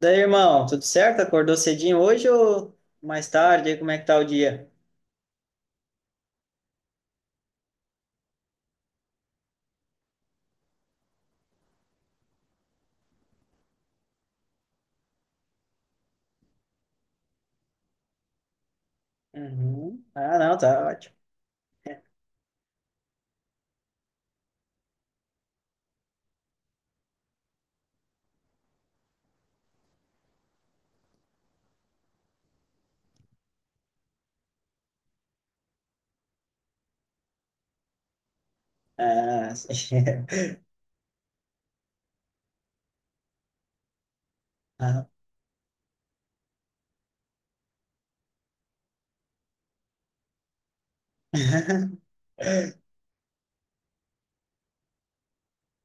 Daí, irmão, tudo certo? Acordou cedinho hoje ou mais tarde? E como é que tá o dia? Uhum. Ah, não, tá ótimo. Ah, sim. Ah,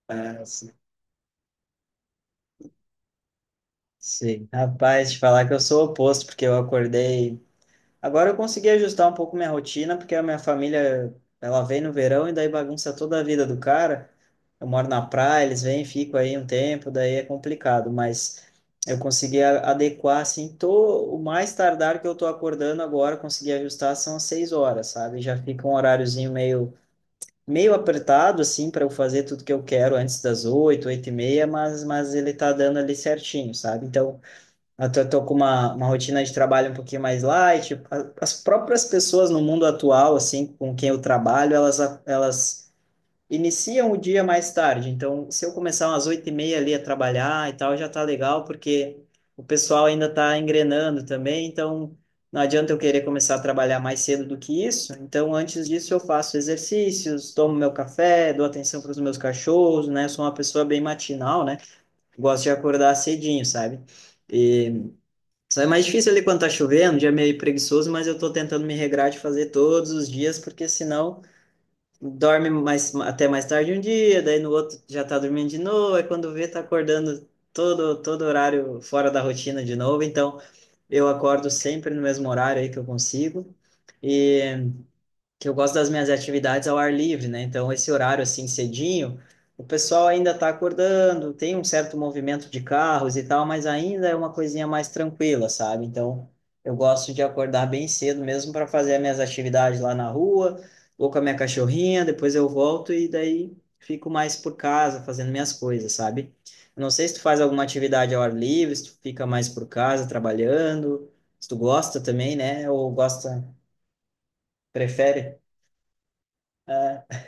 ah, sim. Sim. Rapaz, te falar que eu sou o oposto, porque eu acordei. Agora eu consegui ajustar um pouco minha rotina, porque a minha família, ela vem no verão e daí bagunça toda a vida do cara. Eu moro na praia, eles vêm, ficam aí um tempo, daí é complicado, mas eu consegui adequar, assim, tô, o mais tardar que eu tô acordando agora, consegui ajustar, são as seis horas, sabe? Já fica um horáriozinho meio, meio apertado, assim, para eu fazer tudo que eu quero antes das oito, oito e meia, mas ele tá dando ali certinho, sabe? Então, até tô com uma rotina de trabalho um pouquinho mais light. As próprias pessoas no mundo atual, assim, com quem eu trabalho, elas, elas iniciam o dia mais tarde. Então, se eu começar umas oito e meia ali a trabalhar e tal, já tá legal, porque o pessoal ainda tá engrenando também. Então, não adianta eu querer começar a trabalhar mais cedo do que isso. Então, antes disso, eu faço exercícios, tomo meu café, dou atenção para os meus cachorros, né? Sou uma pessoa bem matinal, né? Gosto de acordar cedinho, sabe? E só é mais difícil ali quando tá chovendo, um dia meio preguiçoso, mas eu tô tentando me regrar de fazer todos os dias, porque senão dorme mais, até mais tarde um dia, daí no outro já tá dormindo de novo, aí quando vê tá acordando todo horário fora da rotina de novo, então eu acordo sempre no mesmo horário aí que eu consigo, e que eu gosto das minhas atividades ao ar livre, né? Então, esse horário assim cedinho, o pessoal ainda está acordando, tem um certo movimento de carros e tal, mas ainda é uma coisinha mais tranquila, sabe? Então, eu gosto de acordar bem cedo mesmo para fazer as minhas atividades lá na rua, vou com a minha cachorrinha, depois eu volto e daí fico mais por casa fazendo minhas coisas, sabe? Eu não sei se tu faz alguma atividade ao ar livre, se tu fica mais por casa trabalhando, se tu gosta também, né? Ou gosta, prefere? É.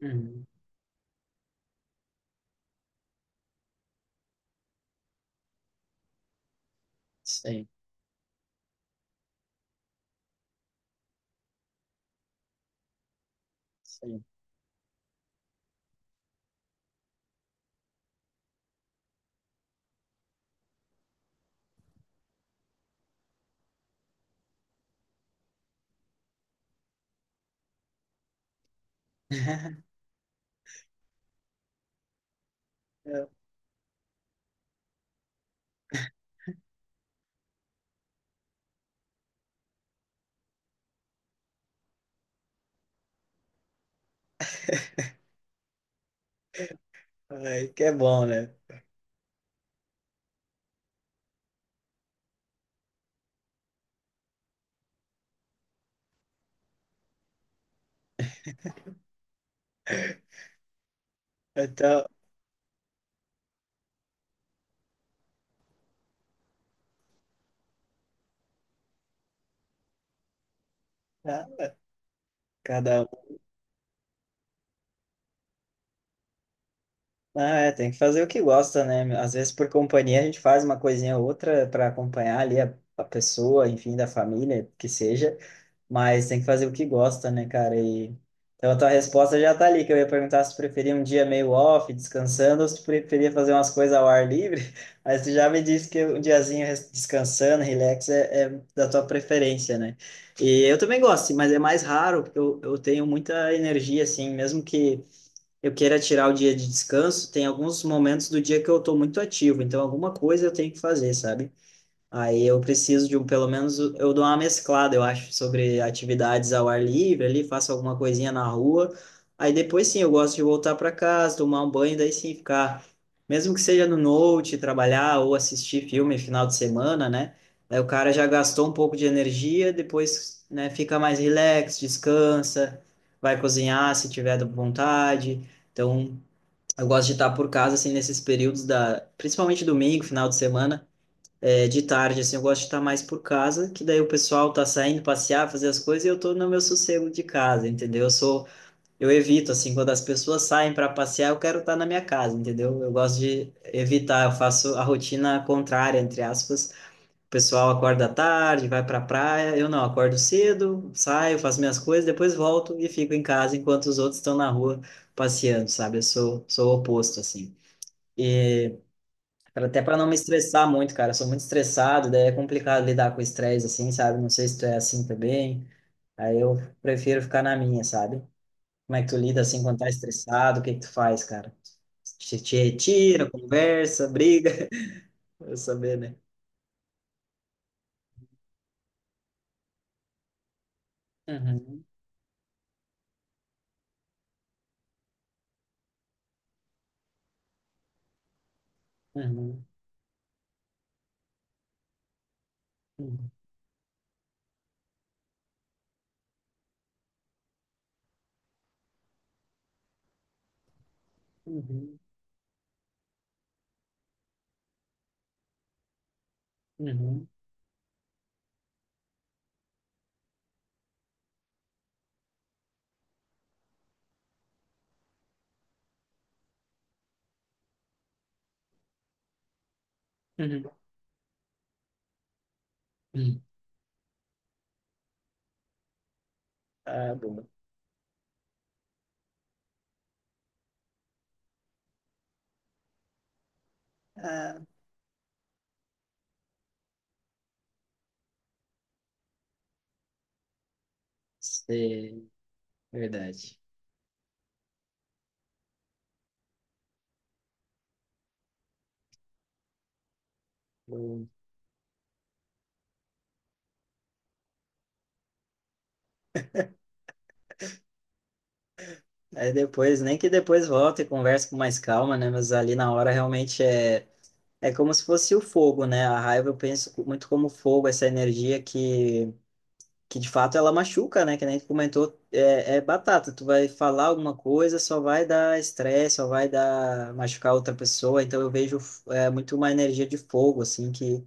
Uhum. Sim. Sei. Ai, que é bom, né? Então, tá, cada... Ah, é, tem que fazer o que gosta, né? Às vezes por companhia a gente faz uma coisinha ou outra para acompanhar ali a pessoa, enfim, da família, que seja, mas tem que fazer o que gosta, né, cara? E então a tua resposta já tá ali, que eu ia perguntar se tu preferia um dia meio off, descansando, ou se tu preferia fazer umas coisas ao ar livre, mas tu já me disse que um diazinho descansando, relax, é da tua preferência, né? E eu também gosto, mas é mais raro, porque eu tenho muita energia, assim, mesmo que eu queira tirar o dia de descanso, tem alguns momentos do dia que eu estou muito ativo, então alguma coisa eu tenho que fazer, sabe? Aí eu preciso de um, pelo menos eu dou uma mesclada, eu acho, sobre atividades ao ar livre ali, faço alguma coisinha na rua. Aí depois sim, eu gosto de voltar para casa, tomar um banho, daí sim ficar, mesmo que seja no note, trabalhar ou assistir filme final de semana, né? Aí o cara já gastou um pouco de energia, depois, né, fica mais relax, descansa, vai cozinhar se tiver vontade. Então, eu gosto de estar por casa assim nesses períodos da, principalmente domingo, final de semana é de tarde, assim, eu gosto de estar mais por casa, que daí o pessoal tá saindo passear, fazer as coisas e eu tô no meu sossego de casa, entendeu? Eu evito, assim, quando as pessoas saem para passear, eu quero estar na minha casa, entendeu? Eu gosto de evitar, eu faço a rotina contrária, entre aspas. O pessoal acorda tarde, vai pra praia, eu não, acordo cedo, saio, faço minhas coisas, depois volto e fico em casa enquanto os outros estão na rua passeando, sabe? Sou o oposto, assim. E... Cara, até pra não me estressar muito, cara. Eu sou muito estressado, daí é complicado lidar com estresse assim, sabe? Não sei se tu é assim também. Aí eu prefiro ficar na minha, sabe? Como é que tu lida assim quando tá estressado? O que que tu faz, cara? Te retira, conversa, briga. Eu saber, né? Uhum, uhum, uhum, uhum, uhum, uhum, uhum. Ah, boa. Ah, sei. Verdade. Bom... Aí depois, nem que depois volte e converse com mais calma, né? Mas ali na hora realmente é. É como se fosse o fogo, né? A raiva eu penso muito como fogo, essa energia que de fato ela machuca, né? Que nem tu comentou, é batata. Tu vai falar alguma coisa, só vai dar estresse, só vai dar machucar outra pessoa. Então eu vejo muito uma energia de fogo, assim,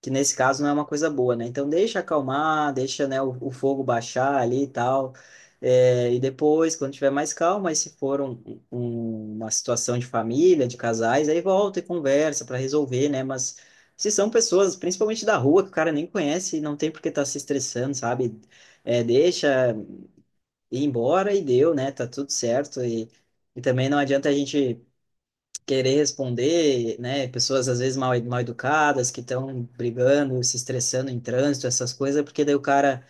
que nesse caso não é uma coisa boa, né? Então deixa acalmar, deixa, né, o fogo baixar ali e tal. É, e depois, quando tiver mais calma, aí se for uma situação de família, de casais, aí volta e conversa para resolver, né? Mas se são pessoas, principalmente da rua, que o cara nem conhece, não tem por que estar se estressando, sabe? É, deixa ir embora e deu, né? Tá tudo certo. E também não adianta a gente querer responder, né? Pessoas às vezes mal educadas que estão brigando, se estressando em trânsito, essas coisas, porque daí o cara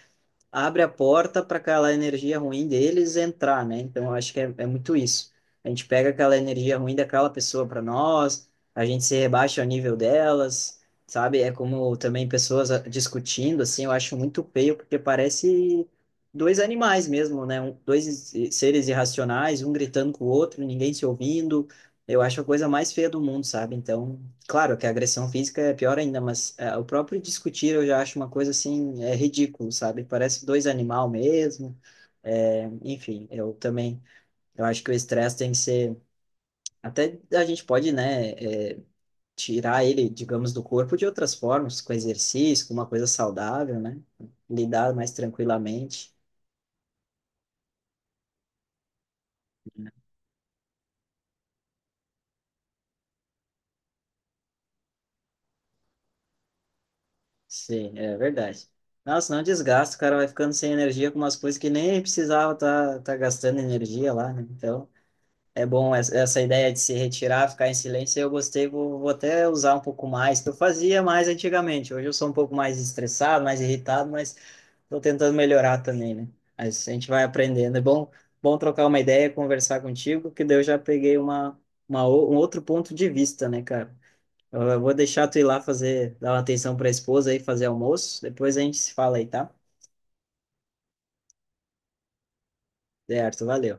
abre a porta para aquela energia ruim deles entrar, né? Então, eu acho que é muito isso. A gente pega aquela energia ruim daquela pessoa para nós, a gente se rebaixa ao nível delas, sabe? É como também pessoas ah, discutindo, assim, eu acho muito feio, porque parece dois animais mesmo, né? Um, dois seres irracionais, um gritando com o outro, ninguém se ouvindo. Eu acho a coisa mais feia do mundo, sabe? Então, claro que a agressão física é pior ainda, mas é, o próprio discutir eu já acho uma coisa assim, é ridículo, sabe? Parece dois animal mesmo. É, enfim, eu também, eu acho que o estresse tem que ser, até a gente pode, né, é, tirar ele, digamos, do corpo de outras formas, com exercício, com uma coisa saudável, né? Lidar mais tranquilamente. Sim, é verdade. Nossa, não desgasta, o cara vai ficando sem energia com umas coisas que nem precisava tá gastando energia lá, né? Então, é bom essa ideia de se retirar, ficar em silêncio. Eu gostei, vou até usar um pouco mais, que eu fazia mais antigamente. Hoje eu sou um pouco mais estressado, mais irritado, mas estou tentando melhorar também, né? Mas a gente vai aprendendo. É bom, bom trocar uma ideia, conversar contigo, que daí eu já peguei um outro ponto de vista, né, cara? Eu vou deixar tu ir lá fazer, dar uma atenção para a esposa aí, fazer almoço. Depois a gente se fala aí, tá? Certo, valeu.